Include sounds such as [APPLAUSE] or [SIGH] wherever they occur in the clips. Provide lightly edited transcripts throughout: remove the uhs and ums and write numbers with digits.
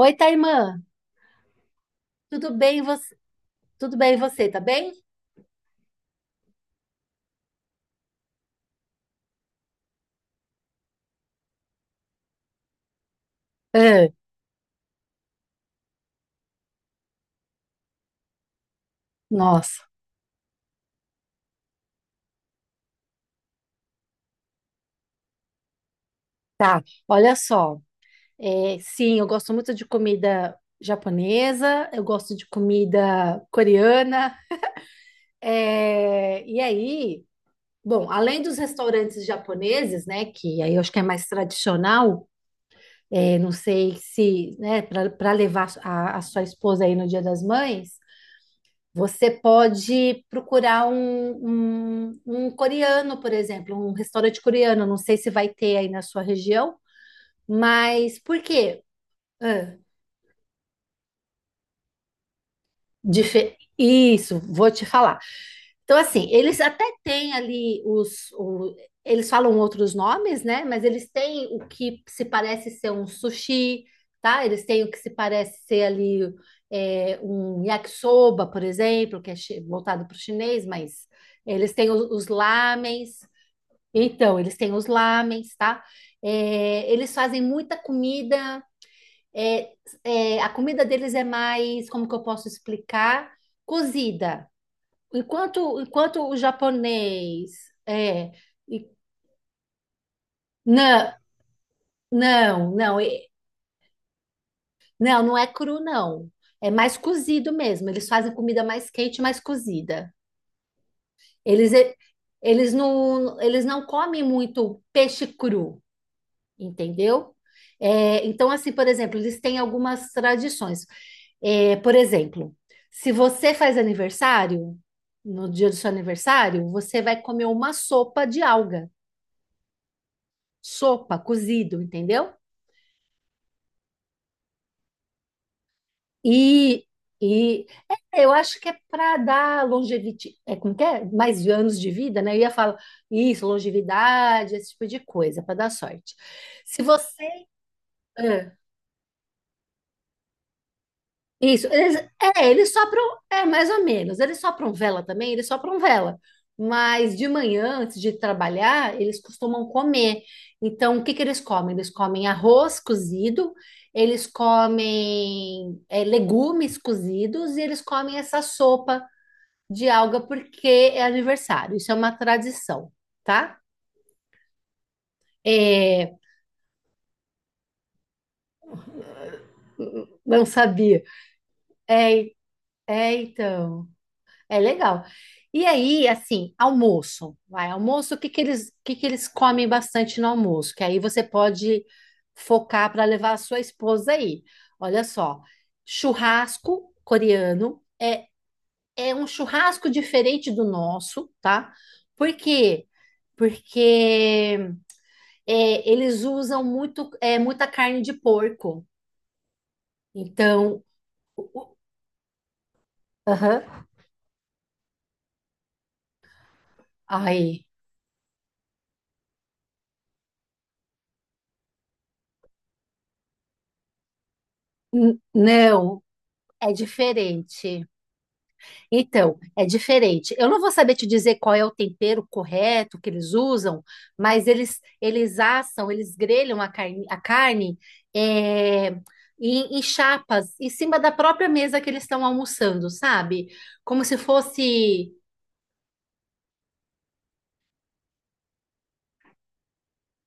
Oi, Taimã, tudo bem você? Tudo bem você, tá bem? Ah, nossa, tá. Olha só. É, sim, eu gosto muito de comida japonesa, eu gosto de comida coreana. E aí, bom, além dos restaurantes japoneses, né, que aí eu acho que é mais tradicional, não sei se, né, para levar a sua esposa aí no Dia das Mães, você pode procurar um coreano, por exemplo, um restaurante coreano. Não sei se vai ter aí na sua região, mas por quê? Isso, vou te falar. Então, assim, eles até têm ali. Eles falam outros nomes, né? Mas eles têm o que se parece ser um sushi, tá? Eles têm o que se parece ser ali um yakisoba, por exemplo, que é voltado para o chinês, mas eles têm os, lamens. Então, eles têm os lamens, tá? É, eles fazem muita comida é, a comida deles é mais, como que eu posso explicar? Cozida. Enquanto o japonês é, e- não, não, não, não, não é cru, não. É mais cozido mesmo. Eles fazem comida mais quente, mais cozida. Eles, e- eles não comem muito peixe cru. Entendeu? É, então, assim, por exemplo, eles têm algumas tradições. É, por exemplo, se você faz aniversário, no dia do seu aniversário, você vai comer uma sopa de alga, sopa, cozido, entendeu? E, e é, eu acho que é para dar longevidade, é como que é? Mais anos de vida, né? Eu ia falar isso, longevidade, esse tipo de coisa, para dar sorte. Se você é, Isso, eles, eles sopram, mais ou menos, eles sopram vela também, eles sopram vela, mas de manhã, antes de trabalhar, eles costumam comer, então o que que eles comem? Eles comem arroz cozido, eles comem legumes cozidos e eles comem essa sopa de alga porque é aniversário, isso é uma tradição, tá? É, não sabia, é, então. É legal. E aí, assim, almoço. Vai, almoço, o que que eles comem bastante no almoço? Que aí você pode focar para levar a sua esposa aí. Olha só, churrasco coreano é um churrasco diferente do nosso, tá? Por quê? Porque eles usam muita carne de porco. Então, aham, ai, não, é diferente. Então, é diferente. Eu não vou saber te dizer qual é o tempero correto que eles usam, mas eles assam, eles grelham a carne, é, em chapas, em cima da própria mesa que eles estão almoçando, sabe? Como se fosse.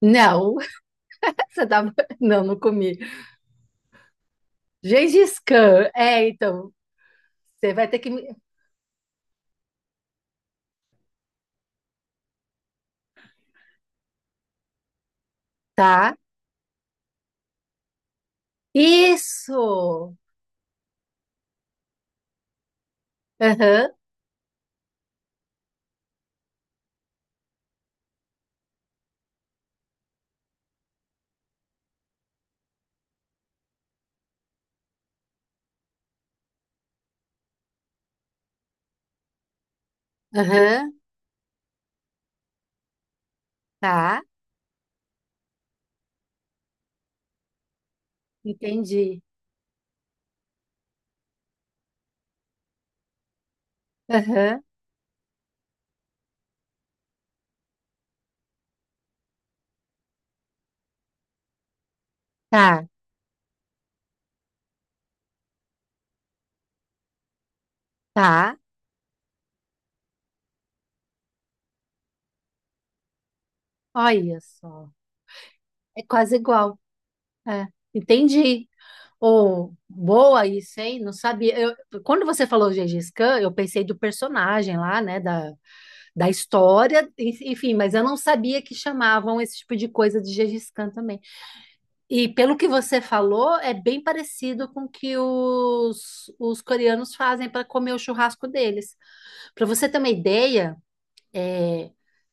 Não, [LAUGHS] você tá. Não, não comi. Gengis Khan. É, então, você vai ter que. Tá. Isso! Aham, aham, tá. Entendi. Aham, tá, tá. Olha só, é quase igual. É, entendi. Oh, boa isso, hein? Não sabia. Quando você falou Gengis Khan, eu pensei do personagem lá, né? Da história, enfim, mas eu não sabia que chamavam esse tipo de coisa de Gengis Khan também. E pelo que você falou, é bem parecido com o que os coreanos fazem para comer o churrasco deles. Para você ter uma ideia.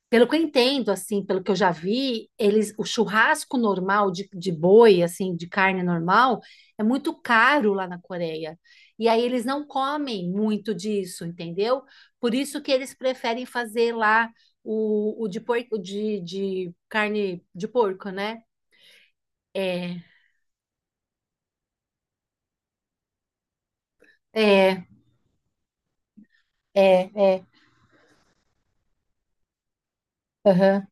Pelo que eu entendo, assim, pelo que eu já vi, o churrasco normal de boi, assim, de carne normal, é muito caro lá na Coreia. E aí eles não comem muito disso, entendeu? Por isso que eles preferem fazer lá o de porco, de carne de porco, né? É, é, é, é. Aham.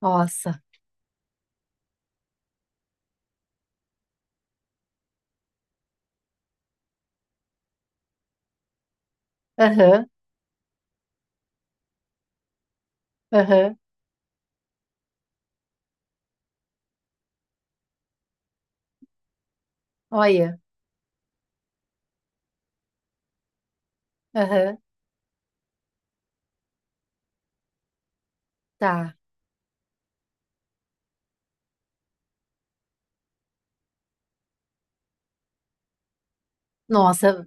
Nossa. Aham, aham. Olha. Aham. Tá. Nossa.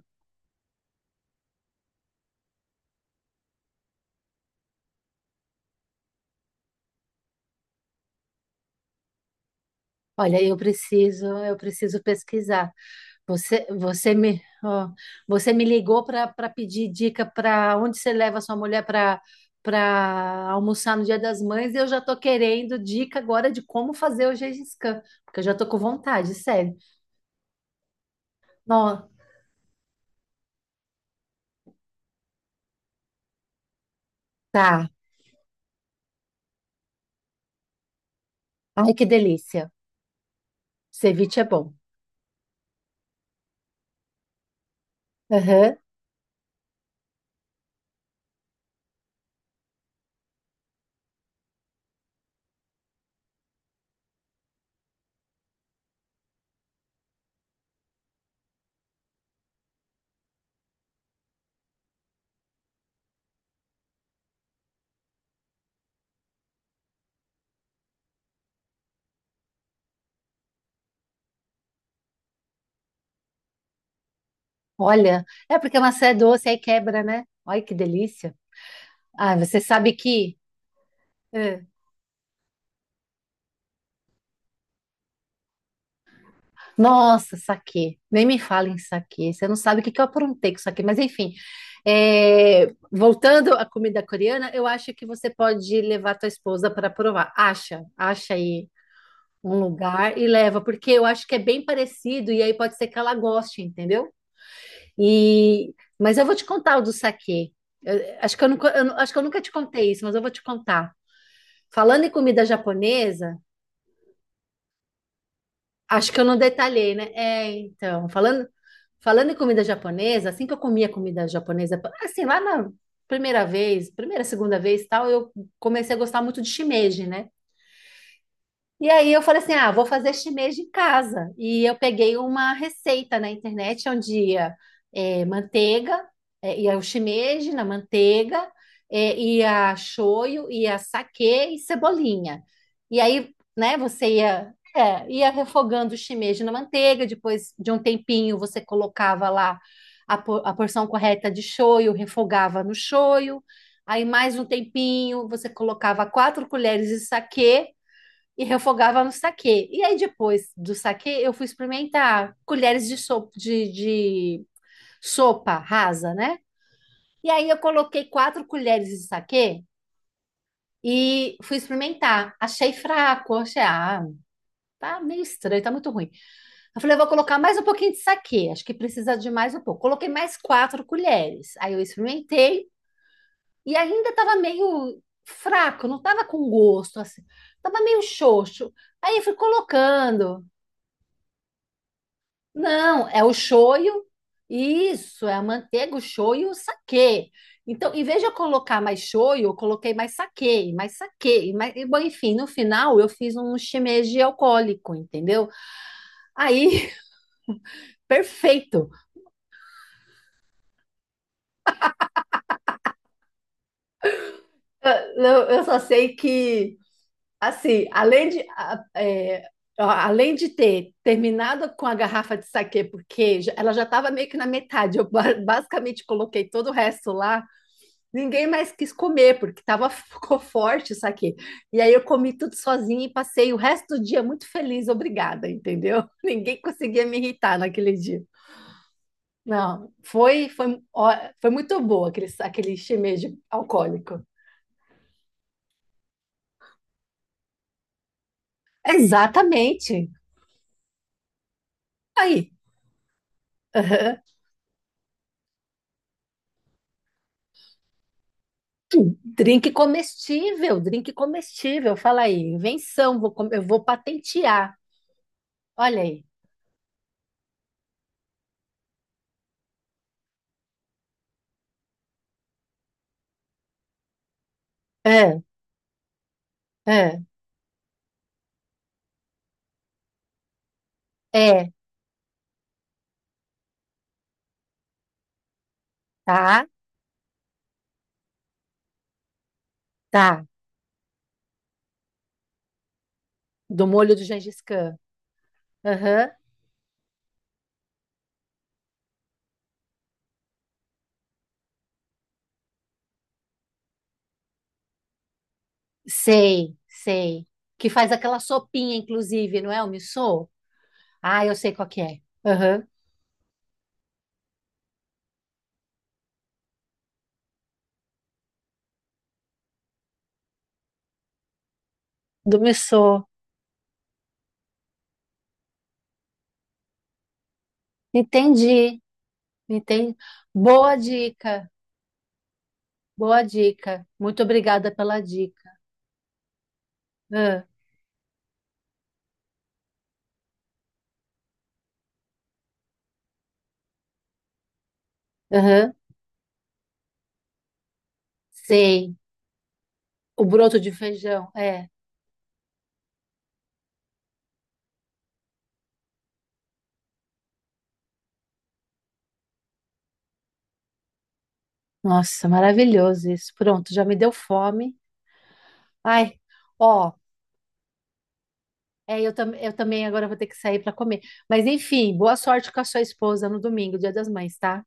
Olha, eu preciso pesquisar. Você, você me, ó, você me ligou para pedir dica para onde você leva sua mulher para almoçar no Dia das Mães e eu já tô querendo dica agora de como fazer o Gengis Khan, porque eu já tô com vontade, sério. Ó, tá. Ai, que delícia. Ceviche é bom. Aham. Olha, é porque a maçã é doce, aí quebra, né? Olha que delícia. Ah, você sabe que. Nossa, saquê. Nem me fala em saquê. Você não sabe o que que eu aprontei com saquê. Mas, enfim, voltando à comida coreana, eu acho que você pode levar tua esposa para provar. Acha, acha aí um lugar e leva, porque eu acho que é bem parecido e aí pode ser que ela goste, entendeu? E, mas eu vou te contar o do saquê. Acho que eu nunca te contei isso, mas eu vou te contar. Falando em comida japonesa, acho que eu não detalhei, né? É, então, falando em comida japonesa, assim que eu comia comida japonesa, assim, lá na primeira vez, primeira, segunda vez, e tal, eu comecei a gostar muito de shimeji, né? E aí eu falei assim, ah, vou fazer chinês de casa. E eu peguei uma receita na internet onde ia manteiga, ia o shimeji na manteiga, ia shoyu, ia saquê e cebolinha. E aí, né, você ia refogando o shimeji na manteiga, depois de um tempinho você colocava lá a porção correta de shoyu, refogava no shoyu, aí mais um tempinho você colocava quatro colheres de saquê, e refogava no saquê. E aí, depois do saquê, eu fui experimentar colheres de sopa rasa, né? E aí, eu coloquei quatro colheres de saquê e fui experimentar. Achei fraco, achei, ah, tá meio estranho, tá muito ruim. Eu falei, eu vou colocar mais um pouquinho de saquê, acho que precisa de mais um pouco. Coloquei mais quatro colheres. Aí, eu experimentei e ainda tava meio fraco, não tava com gosto, assim. Tava meio xoxo. Aí, eu fui colocando. Não, é o shoyu, isso, é a manteiga, o shoyu e o saquê. Então, em vez de eu colocar mais shoyu, eu coloquei mais saquê, e mais saquê, e mais, e, bom, enfim, no final eu fiz um shimeji alcoólico, entendeu? Aí, [LAUGHS] perfeito. Eu, eu só sei que, assim, além de ter terminado com a garrafa de saquê, porque ela já estava meio que na metade, eu basicamente coloquei todo o resto lá. Ninguém mais quis comer, porque [LAUGHS] ficou forte isso aqui. E aí eu comi tudo sozinha e passei o resto do dia muito feliz, obrigada, entendeu? [LAUGHS] Ninguém conseguia me irritar naquele dia. Não, foi, foi, ó, foi muito boa aquele shimeji alcoólico. Exatamente. Aí, aham. Drink comestível, fala aí, invenção, eu vou patentear. Olha aí. É, é, é, tá, tá. Do molho do Gengis Khan. Aham. Sei, sei. Que faz aquela sopinha, inclusive, não é o missô? Ah, eu sei qual que é. Aham, do missô. Entendi, entendi. Boa dica, boa dica. Muito obrigada pela dica. Ah, aham, sei. O broto de feijão, é. Nossa, maravilhoso isso. Pronto, já me deu fome. Ai, ó, eu também agora vou ter que sair para comer. Mas enfim, boa sorte com a sua esposa no domingo, Dia das Mães, tá?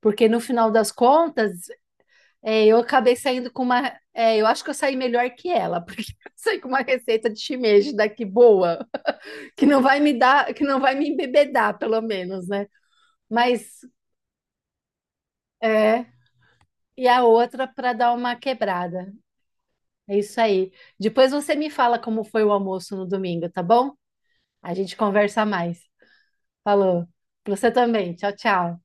Porque no final das contas, eu acabei saindo com uma. Eu acho que eu saí melhor que ela, porque [LAUGHS] eu saí com uma receita de shimeji daqui boa, que não vai me dar, que não vai me embebedar, pelo menos, né? Mas é, e a outra para dar uma quebrada. É isso aí. Depois você me fala como foi o almoço no domingo, tá bom? A gente conversa mais. Falou. Pra você também. Tchau, tchau.